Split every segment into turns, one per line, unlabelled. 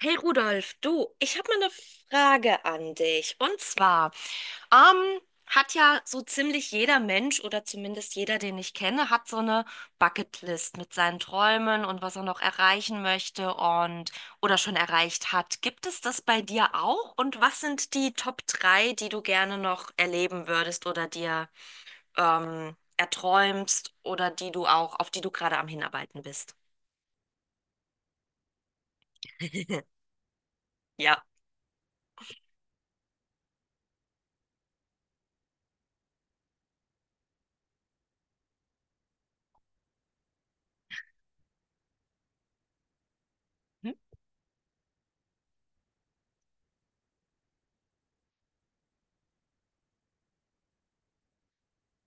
Hey Rudolf, du, ich habe mal eine Frage an dich. Und zwar, ähm, hat ja so ziemlich jeder Mensch oder zumindest jeder, den ich kenne, hat so eine Bucketlist mit seinen Träumen und was er noch erreichen möchte und oder schon erreicht hat. Gibt es das bei dir auch? Und was sind die Top 3, die du gerne noch erleben würdest oder dir erträumst oder die du auch, auf die du gerade am Hinarbeiten bist? Ja. Hm?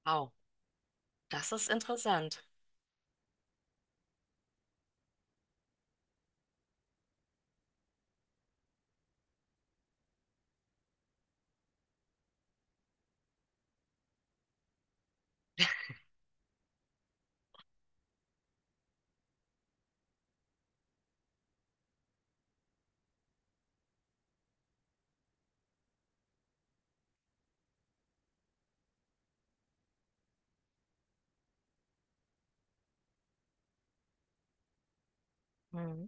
Wow, das ist interessant. Mhm.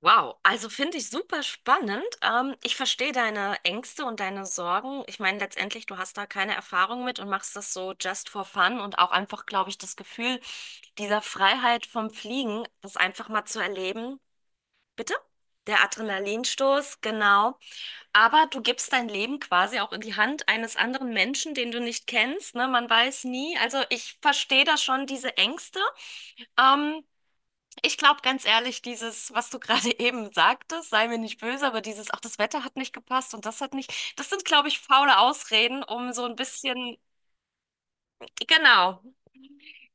Wow, also finde ich super spannend. Ich verstehe deine Ängste und deine Sorgen. Ich meine, letztendlich, du hast da keine Erfahrung mit und machst das so just for fun und auch einfach, glaube ich, das Gefühl dieser Freiheit vom Fliegen, das einfach mal zu erleben. Bitte? Der Adrenalinstoß, genau. Aber du gibst dein Leben quasi auch in die Hand eines anderen Menschen, den du nicht kennst, ne? Man weiß nie. Also ich verstehe da schon diese Ängste. Ähm, Ich glaube ganz ehrlich, dieses, was du gerade eben sagtest, sei mir nicht böse, aber dieses, ach, das Wetter hat nicht gepasst und das hat nicht, das sind, glaube ich, faule Ausreden, um so ein bisschen, genau.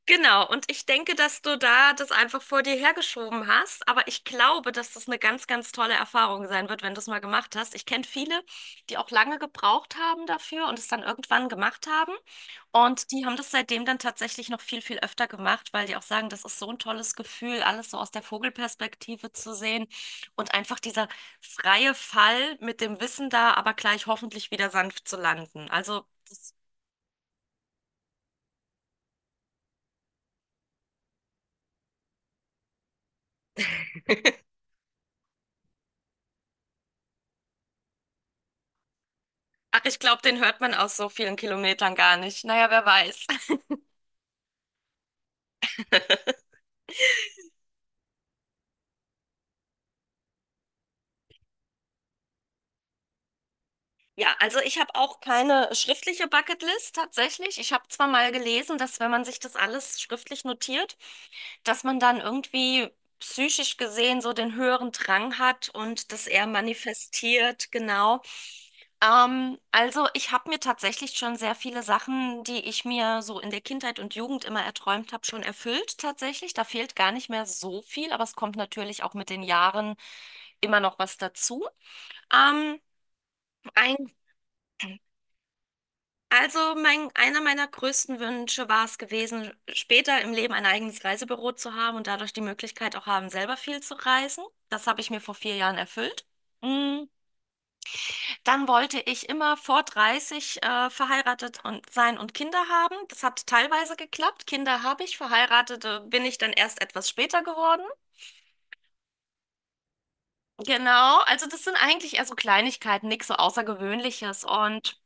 Genau, und ich denke, dass du da das einfach vor dir hergeschoben hast, aber ich glaube, dass das eine ganz, ganz tolle Erfahrung sein wird, wenn du es mal gemacht hast. Ich kenne viele, die auch lange gebraucht haben dafür und es dann irgendwann gemacht haben. Und die haben das seitdem dann tatsächlich noch viel, viel öfter gemacht, weil die auch sagen, das ist so ein tolles Gefühl, alles so aus der Vogelperspektive zu sehen und einfach dieser freie Fall mit dem Wissen da, aber gleich hoffentlich wieder sanft zu landen. Also, das. Ach, ich glaube, den hört man aus so vielen Kilometern gar nicht. Naja, wer weiß. Ja, also ich habe auch keine schriftliche Bucketlist tatsächlich. Ich habe zwar mal gelesen, dass wenn man sich das alles schriftlich notiert, dass man dann irgendwie psychisch gesehen so den höheren Drang hat und das eher manifestiert, genau. Also ich habe mir tatsächlich schon sehr viele Sachen, die ich mir so in der Kindheit und Jugend immer erträumt habe, schon erfüllt tatsächlich. Da fehlt gar nicht mehr so viel, aber es kommt natürlich auch mit den Jahren immer noch was dazu. Ähm, ein, also mein, einer meiner größten Wünsche war es gewesen, später im Leben ein eigenes Reisebüro zu haben und dadurch die Möglichkeit auch haben, selber viel zu reisen. Das habe ich mir vor 4 Jahren erfüllt. Mm. Dann wollte ich immer vor 30 verheiratet und sein und Kinder haben. Das hat teilweise geklappt. Kinder habe ich, verheiratete bin ich dann erst etwas später geworden. Genau, also das sind eigentlich eher so Kleinigkeiten, nichts so Außergewöhnliches. Und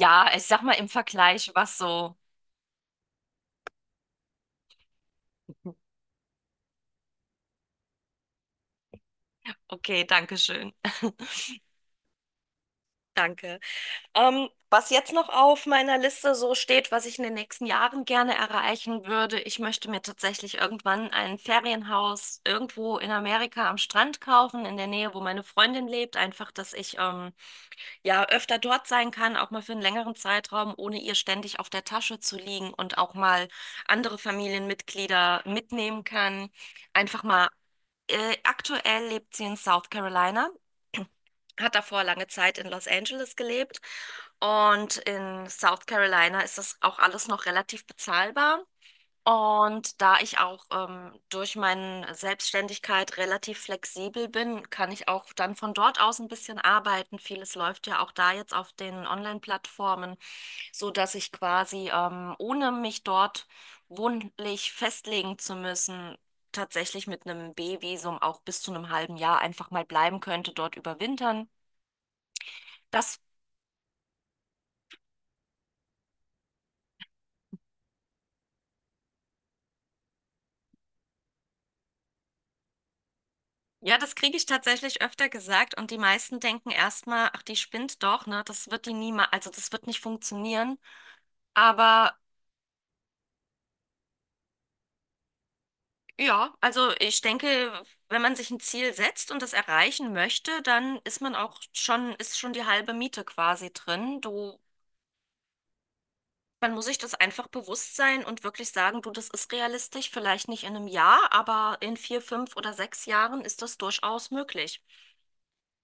ja, ich sag mal im Vergleich, was so. Okay, danke schön. Danke. Was jetzt noch auf meiner Liste so steht, was ich in den nächsten Jahren gerne erreichen würde, ich möchte mir tatsächlich irgendwann ein Ferienhaus irgendwo in Amerika am Strand kaufen, in der Nähe, wo meine Freundin lebt, einfach, dass ich ja, öfter dort sein kann, auch mal für einen längeren Zeitraum, ohne ihr ständig auf der Tasche zu liegen und auch mal andere Familienmitglieder mitnehmen kann. Einfach mal, aktuell lebt sie in South Carolina, hat davor lange Zeit in Los Angeles gelebt und in South Carolina ist das auch alles noch relativ bezahlbar. Und da ich auch durch meine Selbstständigkeit relativ flexibel bin, kann ich auch dann von dort aus ein bisschen arbeiten. Vieles läuft ja auch da jetzt auf den Online-Plattformen, so dass ich quasi ohne mich dort wohnlich festlegen zu müssen, tatsächlich mit einem B-Visum auch bis zu einem halben Jahr einfach mal bleiben könnte, dort überwintern. Das. Ja, das kriege ich tatsächlich öfter gesagt und die meisten denken erstmal, ach, die spinnt doch, ne? Das wird die niemals, also das wird nicht funktionieren. Aber ja, also ich denke, wenn man sich ein Ziel setzt und das erreichen möchte, dann ist man auch schon, ist schon die halbe Miete quasi drin. Du, man muss sich das einfach bewusst sein und wirklich sagen, du, das ist realistisch, vielleicht nicht in 1 Jahr, aber in 4, 5 oder 6 Jahren ist das durchaus möglich.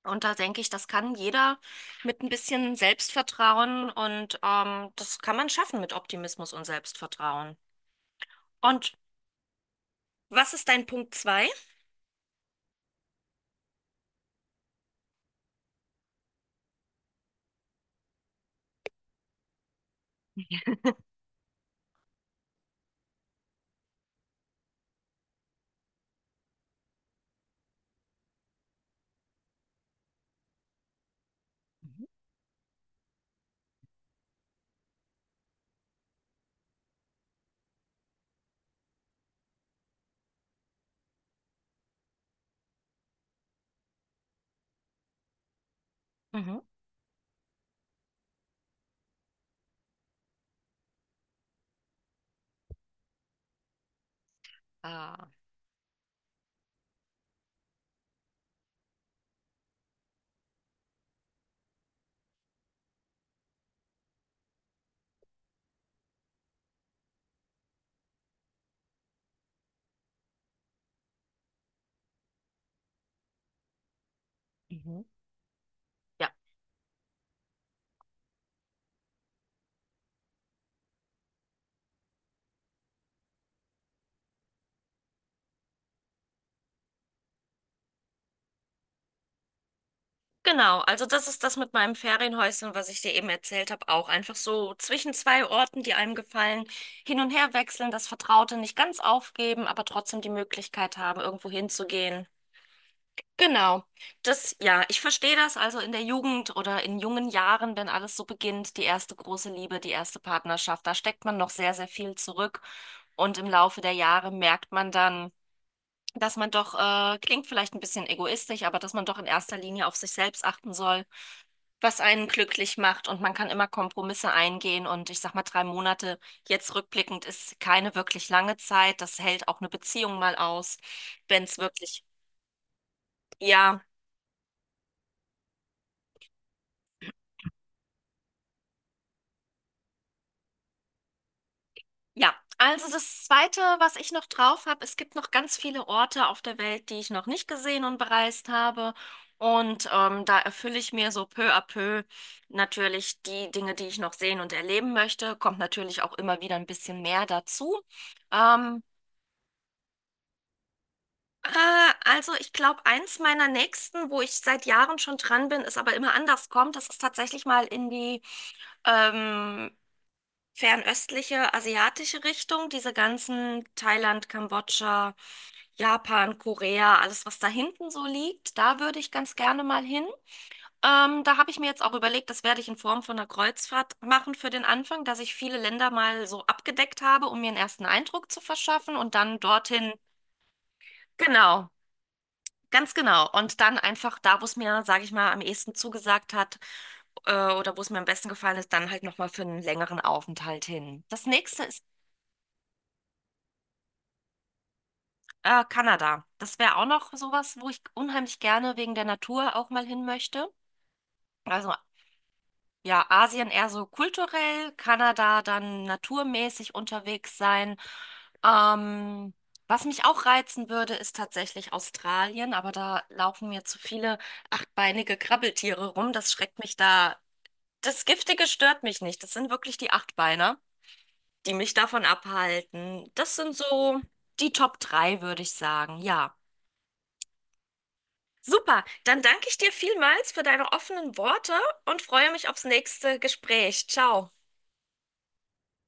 Und da denke ich, das kann jeder mit ein bisschen Selbstvertrauen und das kann man schaffen mit Optimismus und Selbstvertrauen. Und was ist dein Punkt zwei? Mhm. Mhm. Ah. Mhm. Ja, genau. Also das ist das mit meinem Ferienhäuschen, was ich dir eben erzählt habe, auch einfach so zwischen zwei Orten, die einem gefallen, hin und her wechseln, das Vertraute nicht ganz aufgeben, aber trotzdem die Möglichkeit haben, irgendwo hinzugehen. Genau. Das, ja, ich verstehe das. Also in der Jugend oder in jungen Jahren, wenn alles so beginnt, die erste große Liebe, die erste Partnerschaft, da steckt man noch sehr, sehr viel zurück. Und im Laufe der Jahre merkt man dann, dass man doch, klingt vielleicht ein bisschen egoistisch, aber dass man doch in erster Linie auf sich selbst achten soll, was einen glücklich macht. Und man kann immer Kompromisse eingehen. Und ich sag mal, 3 Monate jetzt rückblickend ist keine wirklich lange Zeit. Das hält auch eine Beziehung mal aus, wenn es wirklich, ja. Ja, also das Zweite, was ich noch drauf habe, es gibt noch ganz viele Orte auf der Welt, die ich noch nicht gesehen und bereist habe. Und da erfülle ich mir so peu à peu natürlich die Dinge, die ich noch sehen und erleben möchte. Kommt natürlich auch immer wieder ein bisschen mehr dazu. Ähm, äh, also ich glaube, eins meiner nächsten, wo ich seit Jahren schon dran bin, ist aber immer anders kommt, das ist tatsächlich mal in die ähm, fernöstliche asiatische Richtung, diese ganzen Thailand, Kambodscha. Japan, Korea, alles, was da hinten so liegt, da würde ich ganz gerne mal hin. Da habe ich mir jetzt auch überlegt, das werde ich in Form von einer Kreuzfahrt machen für den Anfang, dass ich viele Länder mal so abgedeckt habe, um mir einen ersten Eindruck zu verschaffen und dann dorthin. Genau, ganz genau. Und dann einfach da, wo es mir, sage ich mal, am ehesten zugesagt hat, oder wo es mir am besten gefallen ist, dann halt nochmal für einen längeren Aufenthalt hin. Das nächste ist Kanada. Das wäre auch noch sowas, wo ich unheimlich gerne wegen der Natur auch mal hin möchte. Also ja, Asien eher so kulturell, Kanada dann naturmäßig unterwegs sein. Ähm, Was mich auch reizen würde, ist tatsächlich Australien, aber da laufen mir zu viele achtbeinige Krabbeltiere rum. Das schreckt mich da. Das Giftige stört mich nicht. Das sind wirklich die Achtbeiner, die mich davon abhalten. Das sind so die Top 3, würde ich sagen. Ja. Super, dann danke ich dir vielmals für deine offenen Worte und freue mich aufs nächste Gespräch. Ciao.